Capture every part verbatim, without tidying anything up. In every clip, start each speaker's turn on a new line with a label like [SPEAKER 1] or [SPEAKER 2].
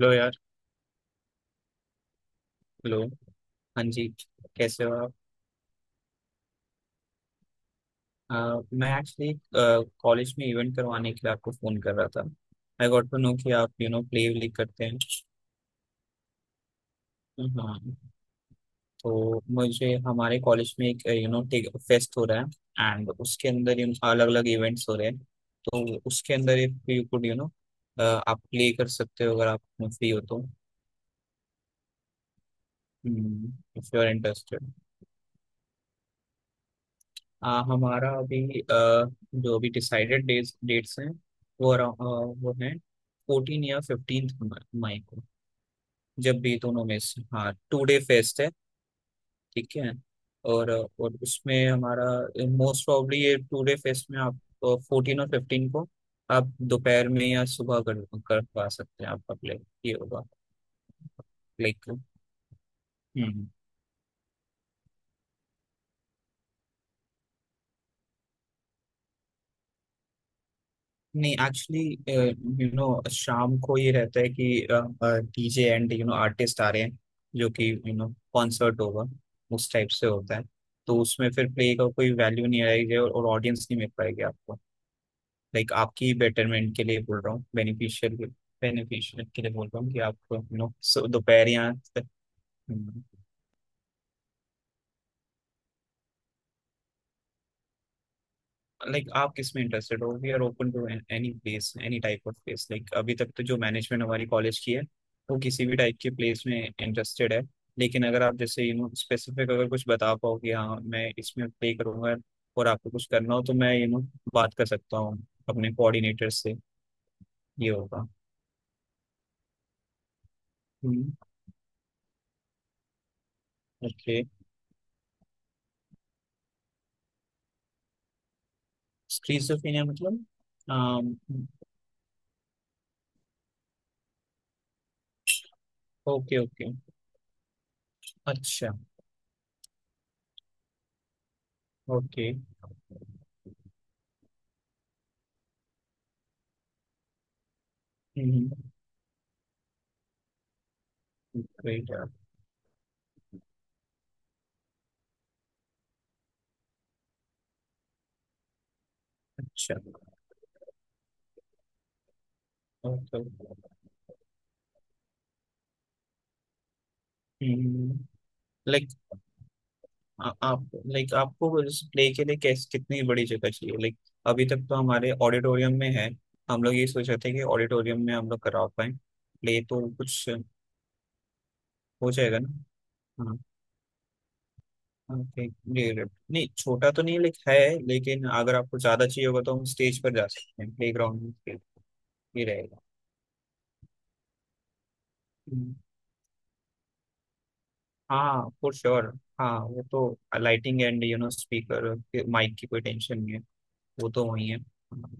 [SPEAKER 1] Hello यार। Hello. हाँ जी। कैसे हो आप? अ, मैं एक्चुअली कॉलेज में इवेंट करवाने के लिए आपको फ़ोन कर रहा था। आई गॉट टू नो कि आप यू नो प्ले व्ले करते हैं। हाँ। तो मुझे हमारे कॉलेज में एक यू नो फेस्ट हो रहा है एंड उसके अंदर अलग अलग इवेंट्स हो रहे हैं। तो उसके अंदर एक यू कुड यू नो आप प्ले कर सकते हो अगर आप फ्री हो तो, इफ यू आर इंटरेस्टेड। आ, हमारा अभी आ, जो अभी डिसाइडेड डेट्स डेट्स हैं वो अरा- आ, वो हैं फोर्टीन या फिफ्टींथ मई को। जब भी दोनों में से, हाँ, टू डे फेस्ट है। ठीक है। और आ, और उसमें हमारा मोस्ट प्रॉब्ली ये टू डे फेस्ट में आप फोर्टीन और फिफ्टीन को आप दोपहर में या सुबह कर, कर पा सकते हैं आपका प्ले ये होगा। लाइक। हम्म। नहीं एक्चुअली यू नो शाम को ये रहता है कि DJ and you know artist आ रहे हैं जो कि यू नो कॉन्सर्ट होगा उस टाइप से होता है। तो उसमें फिर प्ले का कोई वैल्यू नहीं आएगी और, और ऑडियंस नहीं मिल पाएगी आपको। लाइक आपकी बेटरमेंट के लिए बोल रहा हूँ, बेनिफिशियल बेनिफिशियल के लिए बोल रहा हूँ कि आप यू नो दोपहर या। लाइक आप किस में इंटरेस्टेड हो? We are open to any place any type of place. Like अभी तक तो जो मैनेजमेंट हमारी कॉलेज की है वो किसी भी टाइप के प्लेस में इंटरेस्टेड है। लेकिन अगर आप जैसे यू नो स्पेसिफिक अगर कुछ बता पाओ कि हाँ मैं इसमें प्ले करूंगा और आपको कुछ करना हो तो मैं यू नो बात कर सकता हूँ अपने कोऑर्डिनेटर से। ये होगा। ओके। स्किज़ोफ्रेनिया मतलब? Okay okay. अच्छा। ओके। ग्रेट। अच्छा। ओके। लाइक आ, आप लाइक आपको इस प्ले के लिए कैस कितनी बड़ी जगह चाहिए? लाइक अभी तक तो हमारे ऑडिटोरियम में है। हम लोग ये सोच रहे थे कि ऑडिटोरियम में हम लोग करा पाए प्ले तो कुछ हो जाएगा ना? हाँ। हाँ, ठीक ये रहे। नहीं छोटा तो नहीं लाइक है, लेकिन अगर आपको ज्यादा चाहिए होगा तो हम स्टेज पर जा सकते हैं, प्ले ग्राउंड में खेल- ये रहेगा। हम्म, हाँ फॉर श्योर। हाँ वो तो lighting and you know speaker mic की कोई टेंशन नहीं है। वो तो वही है हाँ।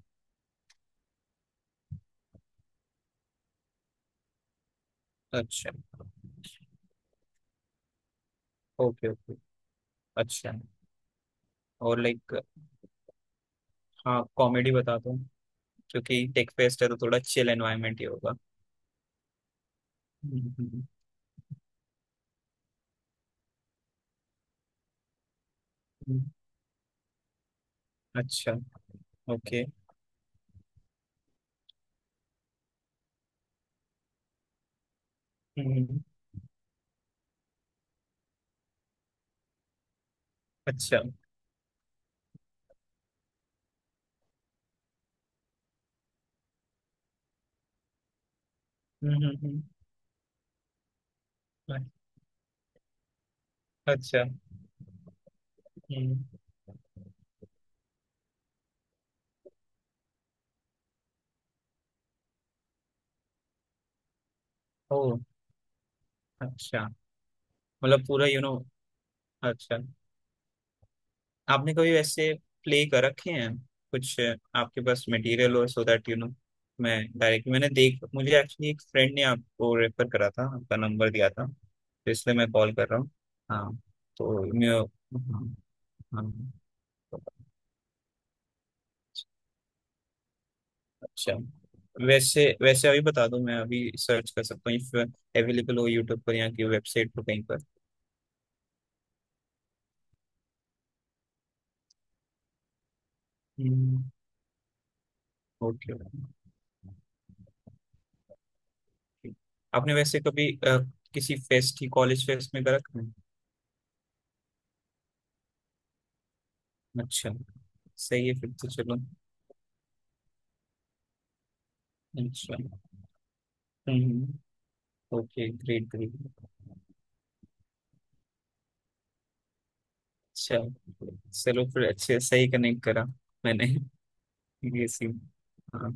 [SPEAKER 1] अच्छा ओके ओके। अच्छा। और लाइक, हाँ कॉमेडी बता दो क्योंकि टेक फेस्ट है तो थोड़ा चिल एनवायरनमेंट ही होगा। Hmm, hmm, hmm. अच्छा। ओके। हम्म। अच्छा। हम्म, हम्म, हम्म। अच्छा। हम्म। ओ, अच्छा। मतलब पूरा यू नो अच्छा, आपने कभी वैसे प्ले कर रखे हैं कुछ? अ, आपके पास मटेरियल हो सो दैट यू नो मैं डायरेक्ट मैंने देख, मुझे एक्चुअली एक फ्रेंड ने आपको रेफर करा था, आपका नंबर दिया था तो इसलिए मैं कॉल कर रहा हूँ। हाँ तो मैं, हाँ, हाँ, अच्छा। वैसे वैसे अभी बता दो, मैं अभी सर्च कर सकता हूँ इफ अवेलेबल हो यूट्यूब पर या की वेबसाइट पर कहीं पर। हम्म। Okay okay. आपने वैसे कभी अ, किसी फेस्ट ही कॉलेज फेस्ट में कर रखा है? अच्छा। सही है फिर तो, चलो। अच्छा। हम्म। Okay great great. अच्छा। चलो फिर अच्छे सही कनेक्ट करा मैंने, ये सीन। हाँ।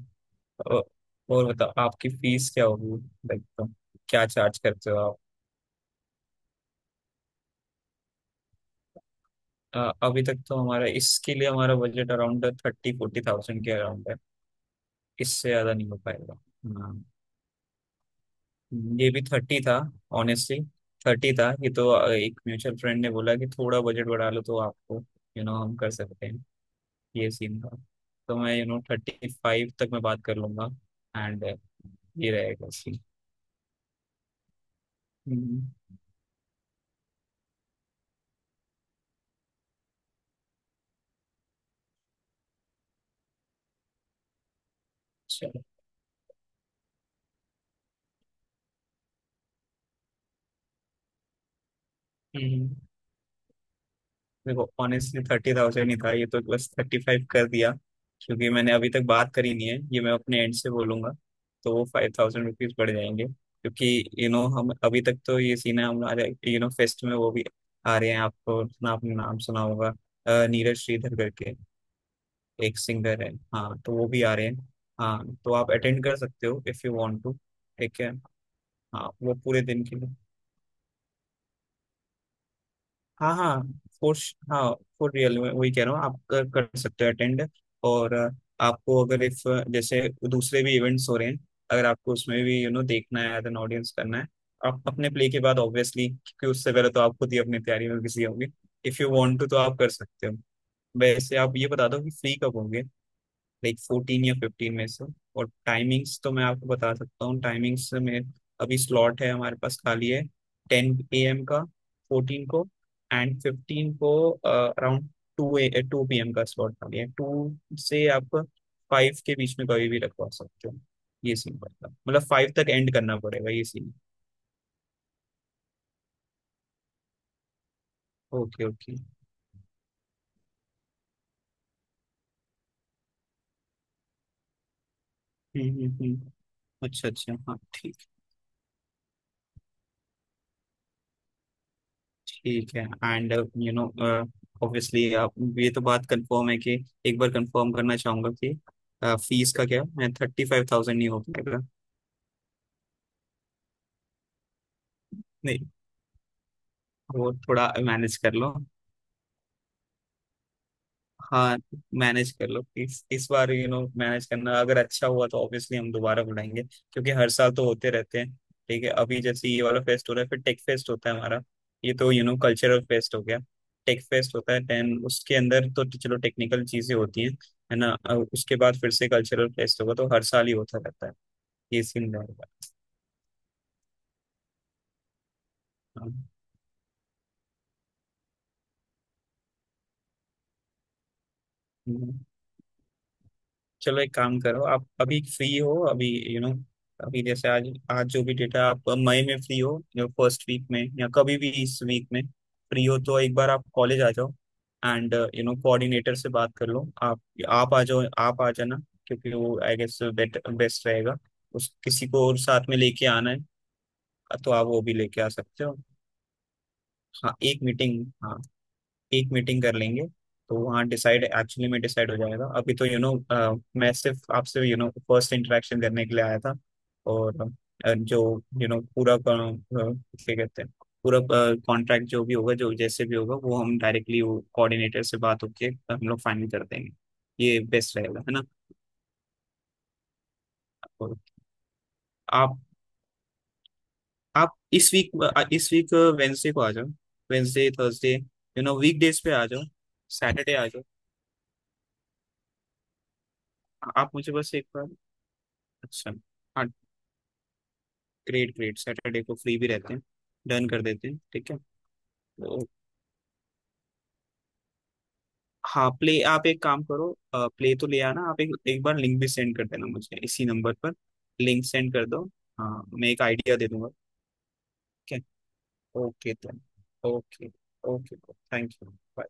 [SPEAKER 1] और, और बताओ आपकी फीस क्या होगी? लाइक क्या चार्ज करते हो आप? अ, अभी तक तो हमारा इसके लिए हमारा budget around thirty forty thousand के अराउंड है, इससे ज्यादा नहीं हो पाएगा। हाँ। ये भी थर्टी था ऑनेस्टली, थर्टी था ये तो। अ, एक म्यूचुअल फ्रेंड ने बोला कि थोड़ा बजट बढ़ा लो तो आपको यू नो हम कर सकते हैं ये सीन था। तो मैं यू नो थर्टी फाइव तक मैं बात कर लूंगा एंड, ये रहेगा सीन। हम्म। चलो। हम्म। देखो ऑनेस्टली थर्टी थाउजेंड ही था ये तो, बस थर्टी फाइव कर दिया क्योंकि मैंने अभी तक बात करी नहीं है, ये मैं अपने एंड से बोलूंगा तो वो फाइव थाउजेंड रुपीज बढ़ जाएंगे क्योंकि यू नो हम अभी तक तो ये सीन है हमारे यू नो फेस्ट में वो भी आ रहे हैं, आपको ना आपने नाम सुना होगा, अ, नीरज श्रीधर करके एक सिंगर है। हाँ तो वो भी आ रहे हैं, हाँ तो आप अटेंड कर सकते हो इफ यू वांट टू। ठीक है। हाँ वो पूरे दिन के लिए, हाँ हाँ, फॉर, हाँ फॉर रियल में वही कह रहा हूँ आप कर, कर सकते हो अटेंड। और अ, आपको अगर इफ जैसे दूसरे भी इवेंट्स हो रहे हैं अगर आपको उसमें भी यू नो देखना है एज एन ऑडियंस करना है आप अपने प्ले के बाद ऑब्वियसली क्योंकि उससे पहले तो आप खुद ही अपनी तैयारी में बिजी होंगे। इफ यू वांट टू तो आप कर सकते हो। वैसे आप ये बता दो कि फ्री कब होंगे लाइक फोर्टीन या फिफ्टीन में से। और टाइमिंग्स तो मैं आपको बता सकता हूँ, टाइमिंग्स में अभी स्लॉट है हमारे पास खाली है टेन ए एम का फोर्टीन को एंड फिफ्टीन को around two A two P M का स्लॉट खाली है। टू से आप फाइव के बीच में कभी भी रखवा सकते हो, ये सीन पड़ता है, मतलब फाइव तक एंड करना पड़ेगा ये scene. Okay okay. Hmm hmm hmm. अच्छा अच्छा हाँ ठीक। ठीक है एंड यू नो ऑब्वियसली आप, ये तो बात कंफर्म है कि, एक बार कंफर्म करना चाहूंगा कि फीस का क्या? मैं थर्टी फाइव थाउजेंड, नहीं हो पाएगा? नहीं वो थोड़ा मैनेज कर लो। हाँ मैनेज कर लो इस इस बार, यू नो मैनेज करना अगर अच्छा हुआ तो ऑब्वियसली हम दोबारा बुलाएंगे क्योंकि हर साल तो होते रहते हैं। ठीक है, अभी जैसे ये वाला फेस्ट हो रहा है फिर टेक फेस्ट होता है हमारा, ये तो यू नो कल्चरल फेस्ट हो गया, टेक फेस्ट होता है देन उसके अंदर तो तो चलो टेक्निकल चीजें होती हैं है ना, और उसके बाद फिर से कल्चरल फेस्ट होगा तो हर साल ही होता रहता है, ये सीन रहेगा। हाँ। चलो एक काम करो आप अभी फ्री हो अभी, यू you नो know, अभी जैसे आज आज जो भी डेटा आप मई में फ्री हो या फर्स्ट वीक में या कभी भी इस वीक में फ्री हो तो एक बार आप कॉलेज आ जाओ एंड यू नो कोऑर्डिनेटर से बात कर लो। आप आप आ जाओ, आप आ जाना क्योंकि वो आई गेस बेट बेस्ट रहेगा। उस किसी को और साथ में लेके आना है तो आप वो भी लेके आ सकते हो। हाँ एक मीटिंग, हाँ एक मीटिंग कर लेंगे तो वहाँ डिसाइड एक्चुअली में डिसाइड हो जाएगा अभी तो, यू you नो मैं सिर्फ आपसे यू नो फर्स्ट इंटरेक्शन करने के लिए आया था। और अ, जो यू you नो पूरा अ, अ, क्या कहते हैं, पूरा कॉन्ट्रैक्ट जो भी होगा, जो जैसे भी होगा वो हम डायरेक्टली वो कोऑर्डिनेटर से बात होके हम लोग फाइनल कर देंगे, ये बेस्ट रहेगा है ना। और आप आप इस वीक, इस वीक वेंसडे को आ जाओ, Wednesday Thursday you know week days पे आ जाओ, सैटरडे आ जाओ। आप मुझे बस एक बार, अच्छा, हाँ, ग्रेट ग्रेट, सैटरडे को फ्री भी रहते हैं, डन कर देते हैं ठीक है? तो हाँ प्ले, आप एक काम करो प्ले तो ले आना, आप एक एक बार लिंक भी सेंड कर देना मुझे इसी नंबर पर, लिंक सेंड कर दो, हाँ मैं एक आइडिया दे दूंगा। ठीक है। ओके तो, ओके, ओके थैंक यू।